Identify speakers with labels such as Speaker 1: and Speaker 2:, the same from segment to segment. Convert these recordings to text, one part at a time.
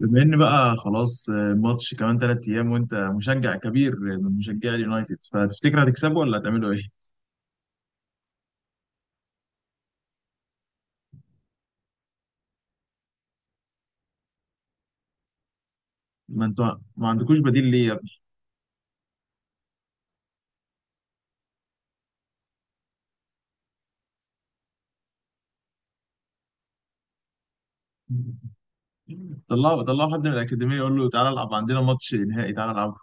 Speaker 1: بما ان بقى خلاص الماتش كمان 3 ايام، وانت مشجع كبير من مشجعي اليونايتد، فتفتكر هتكسبه ولا هتعملوا ايه؟ ما انتوا ما عندكوش بديل ليه يا ابني؟ طلعوا طلعوا حد من الاكاديميه يقول له تعالى العب عندنا، ماتش نهائي تعالى العب.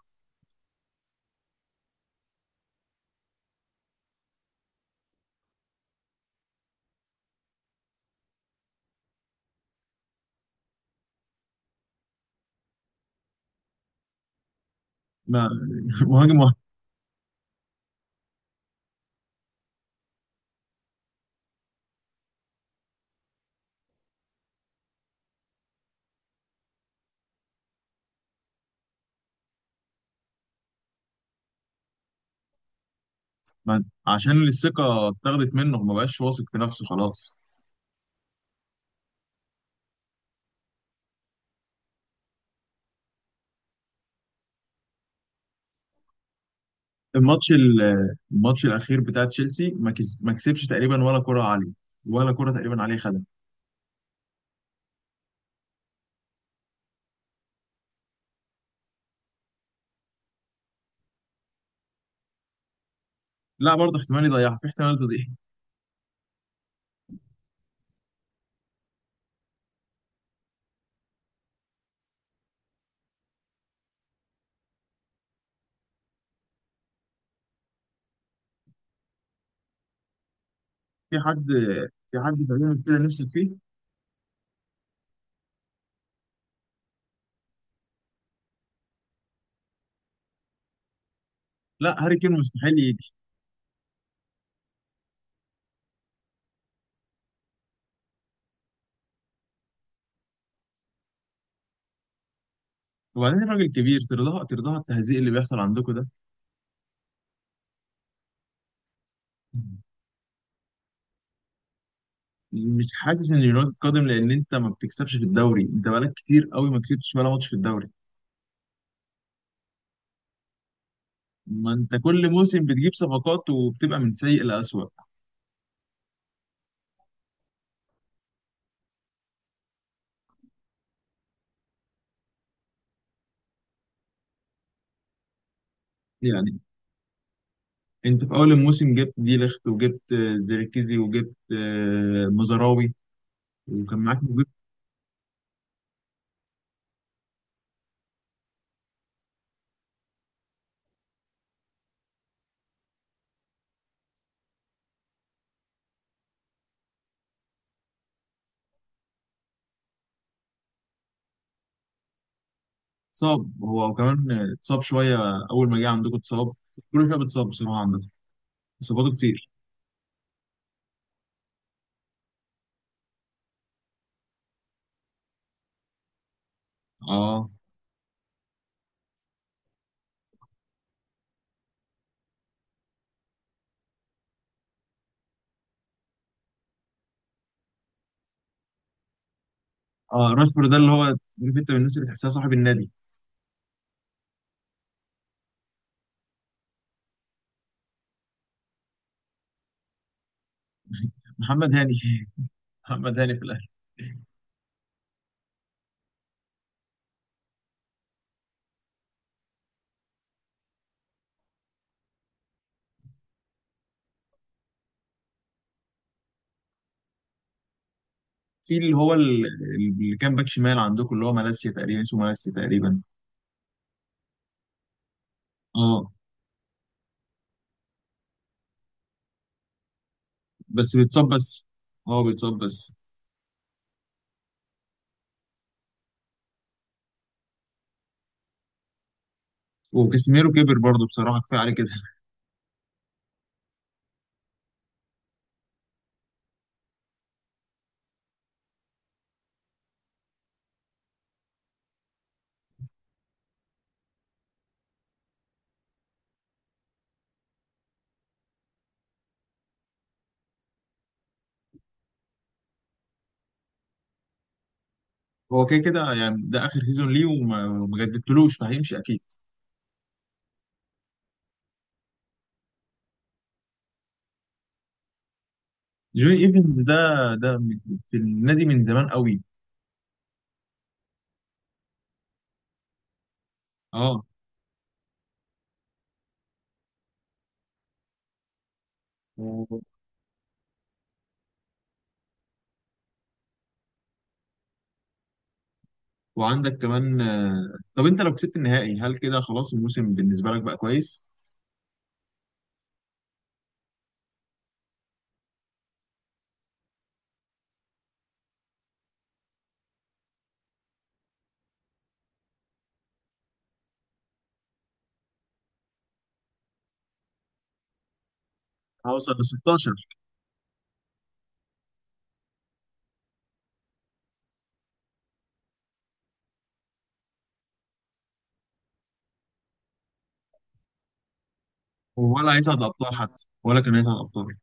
Speaker 1: ما مهاجم واحد. ما عشان الثقه اتاخدت منه، ما بقاش واثق في نفسه خلاص. الماتش ال- الماتش الاخير بتاع تشيلسي ما كسبش تقريبا ولا كره عليه. ولا كره تقريبا عليه، خدها. لا برضه احتمال يضيعها، في احتمال تضيع. في حد في حد تقريبا كده نفسك فيه؟ لا، هاري كين مستحيل يجي. وبعدين الراجل كبير، ترضاها ترضاها التهزيق اللي بيحصل عندكم ده؟ مش حاسس ان يونايتد قادم، لان انت ما بتكسبش في الدوري، انت بقالك كتير قوي ما كسبتش ولا ماتش في الدوري. ما انت كل موسم بتجيب صفقات وبتبقى من سيء لأسوأ. يعني انت في اول الموسم جبت دي ليخت، وجبت ديركيزي، وجبت مزراوي، وكان معاك، وجبت. اتصاب، هو كمان اتصاب شويه اول ما جه عندكم، اتصاب كل شويه بتصاب بصراحه عندكم، اصاباته كتير. اه. اه، راشفورد ده اللي هو عارف. انت من الناس اللي تحسها صاحب النادي. محمد هاني. محمد هاني في الاهلي. في اللي كان باك شمال عندكم، اللي هو مالاسيا تقريبا، اسمه مالاسيا تقريبا. اه، بس بيتصاب بس. اه بيتصاب بس. وكاسيميرو كبر برضه، بصراحه كفايه عليه كده. هو كده كده، يعني ده اخر سيزون ليه وما جددتلوش، فهيمشي اكيد. جوني ايفنز ده، في النادي من زمان قوي. اه. و- وعندك كمان، طب انت لو كسبت النهائي هل كده خلاص الموسم بالنسبه لك بقى كويس؟ هوصل ل 16. ولا هيصعد الابطال حتى، ولا كان هيصعد الابطال.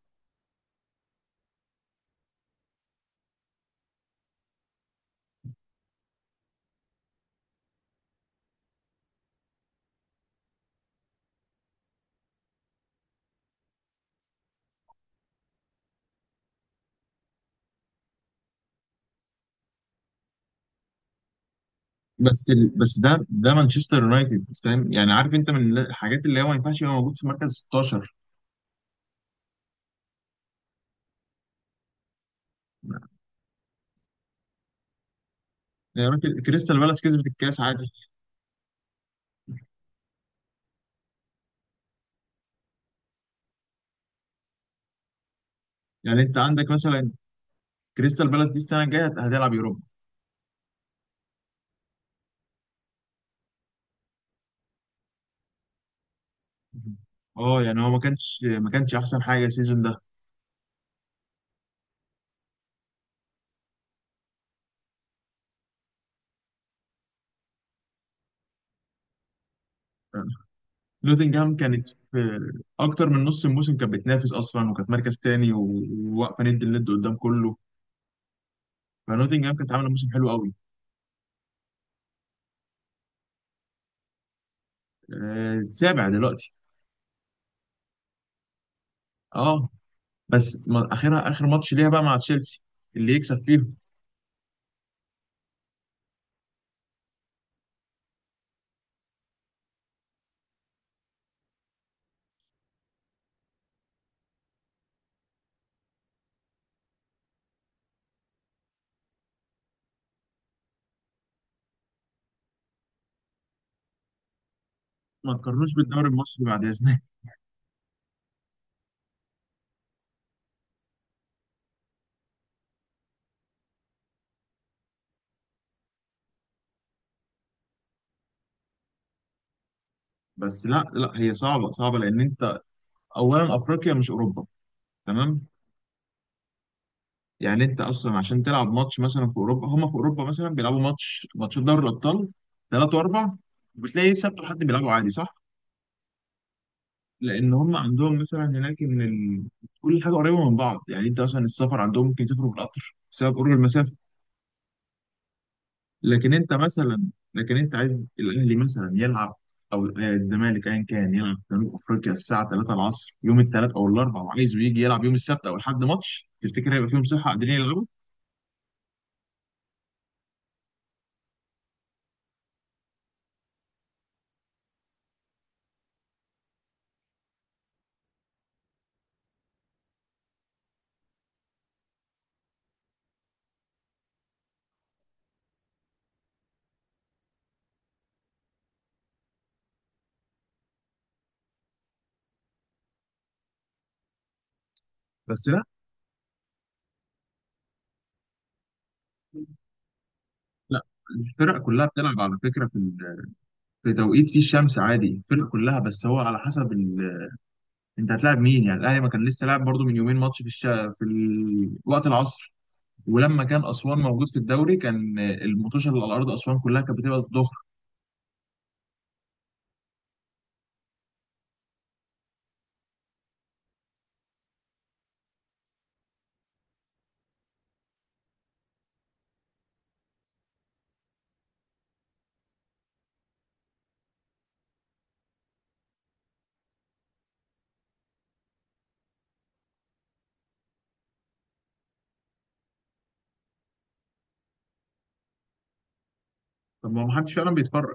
Speaker 1: بس ده مانشستر يونايتد، فاهم يعني؟ عارف انت من الحاجات اللي هو ما ينفعش يبقى موجود في مركز 16. يعني راجل كريستال بالاس كسبت الكاس عادي. يعني انت عندك مثلا، كريستال بالاس دي السنه الجايه هتلعب يوروبا. اه، يعني هو ما كانش احسن حاجه السيزون ده. نوتنجهام كانت في اكتر من نص الموسم، كانت بتنافس اصلا، وكانت مركز تاني، وواقفه ند لند قدام كله. فنوتنجهام كانت عامله موسم حلو قوي. سابع دلوقتي. اه بس اخرها اخر ماتش ليها بقى مع تشيلسي، اللي يكسب فيهم. ما تقارنوش بالدوري المصري بعد اذنك. بس لا لا، هي صعبه صعبه لان انت اولا افريقيا مش اوروبا، تمام؟ يعني انت اصلا عشان تلعب ماتش مثلا في اوروبا، هم في اوروبا مثلا بيلعبوا ماتشات دوري الابطال ثلاثة واربع، بتلاقي سبت وحد بيلعبوا عادي، صح؟ لان هم عندهم مثلا هناك ان كل حاجه قريبه من بعض، يعني انت مثلا السفر عندهم ممكن يسافروا بالقطر بسبب قرب المسافه. لكن انت عايز الاهلي مثلا يلعب، او الزمالك ايا كان يلعب في جنوب افريقيا الساعه 3 العصر يوم الثلاث او الاربعاء، وعايزه يجي يلعب يوم السبت او الحد ماتش، تفتكر هيبقى فيهم صحه قادرين يلعبوا؟ بس لا. لا، الفرق كلها بتلعب على فكره في في توقيت فيه الشمس عادي الفرق كلها، بس هو على حسب انت هتلاعب مين، يعني الاهلي ما كان لسه لاعب برضو من يومين ماتش وقت العصر. ولما كان اسوان موجود في الدوري، كان المطوشه اللي على ارض اسوان كلها كانت بتبقى الظهر. طب ما حدش فعلا بيتفرج.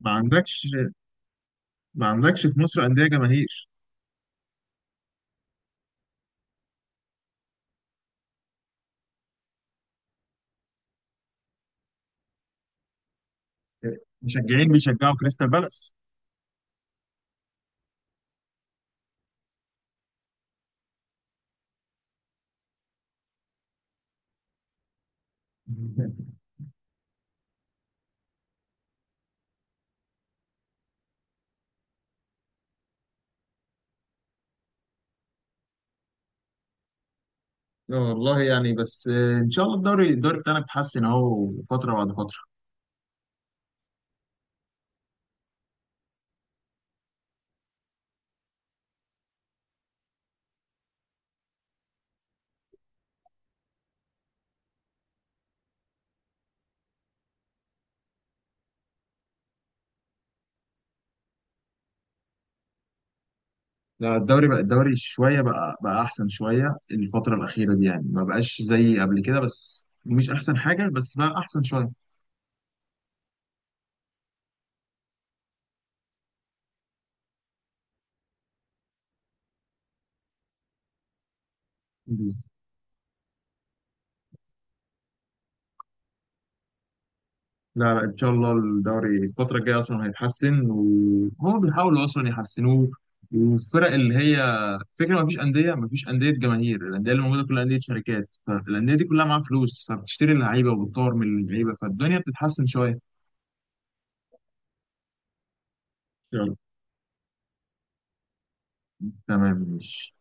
Speaker 1: ما عندكش ما عندكش في مصر أندية جماهير. مشجعين بيشجعوا كريستال بالاس. لا والله، يعني بس ان شاء الله الدوري بتاعنا بيتحسن اهو فتره بعد فتره. لا، الدوري بقى الدوري شويه بقى احسن شويه الفتره الاخيره دي، يعني ما بقاش زي قبل كده، بس مش احسن حاجه، بس بقى احسن شويه. لا لا، ان شاء الله الدوري الفتره الجايه اصلا هيتحسن، وهما بيحاولوا اصلا يحسنوه. والفرق اللي هي فكره، ما فيش انديه جماهير، الانديه اللي موجوده كلها انديه شركات، فالانديه دي كلها معاها فلوس، فبتشتري اللعيبه وبتطور من اللعيبه، فالدنيا بتتحسن شويه ان شاء الله. تمام ماشي.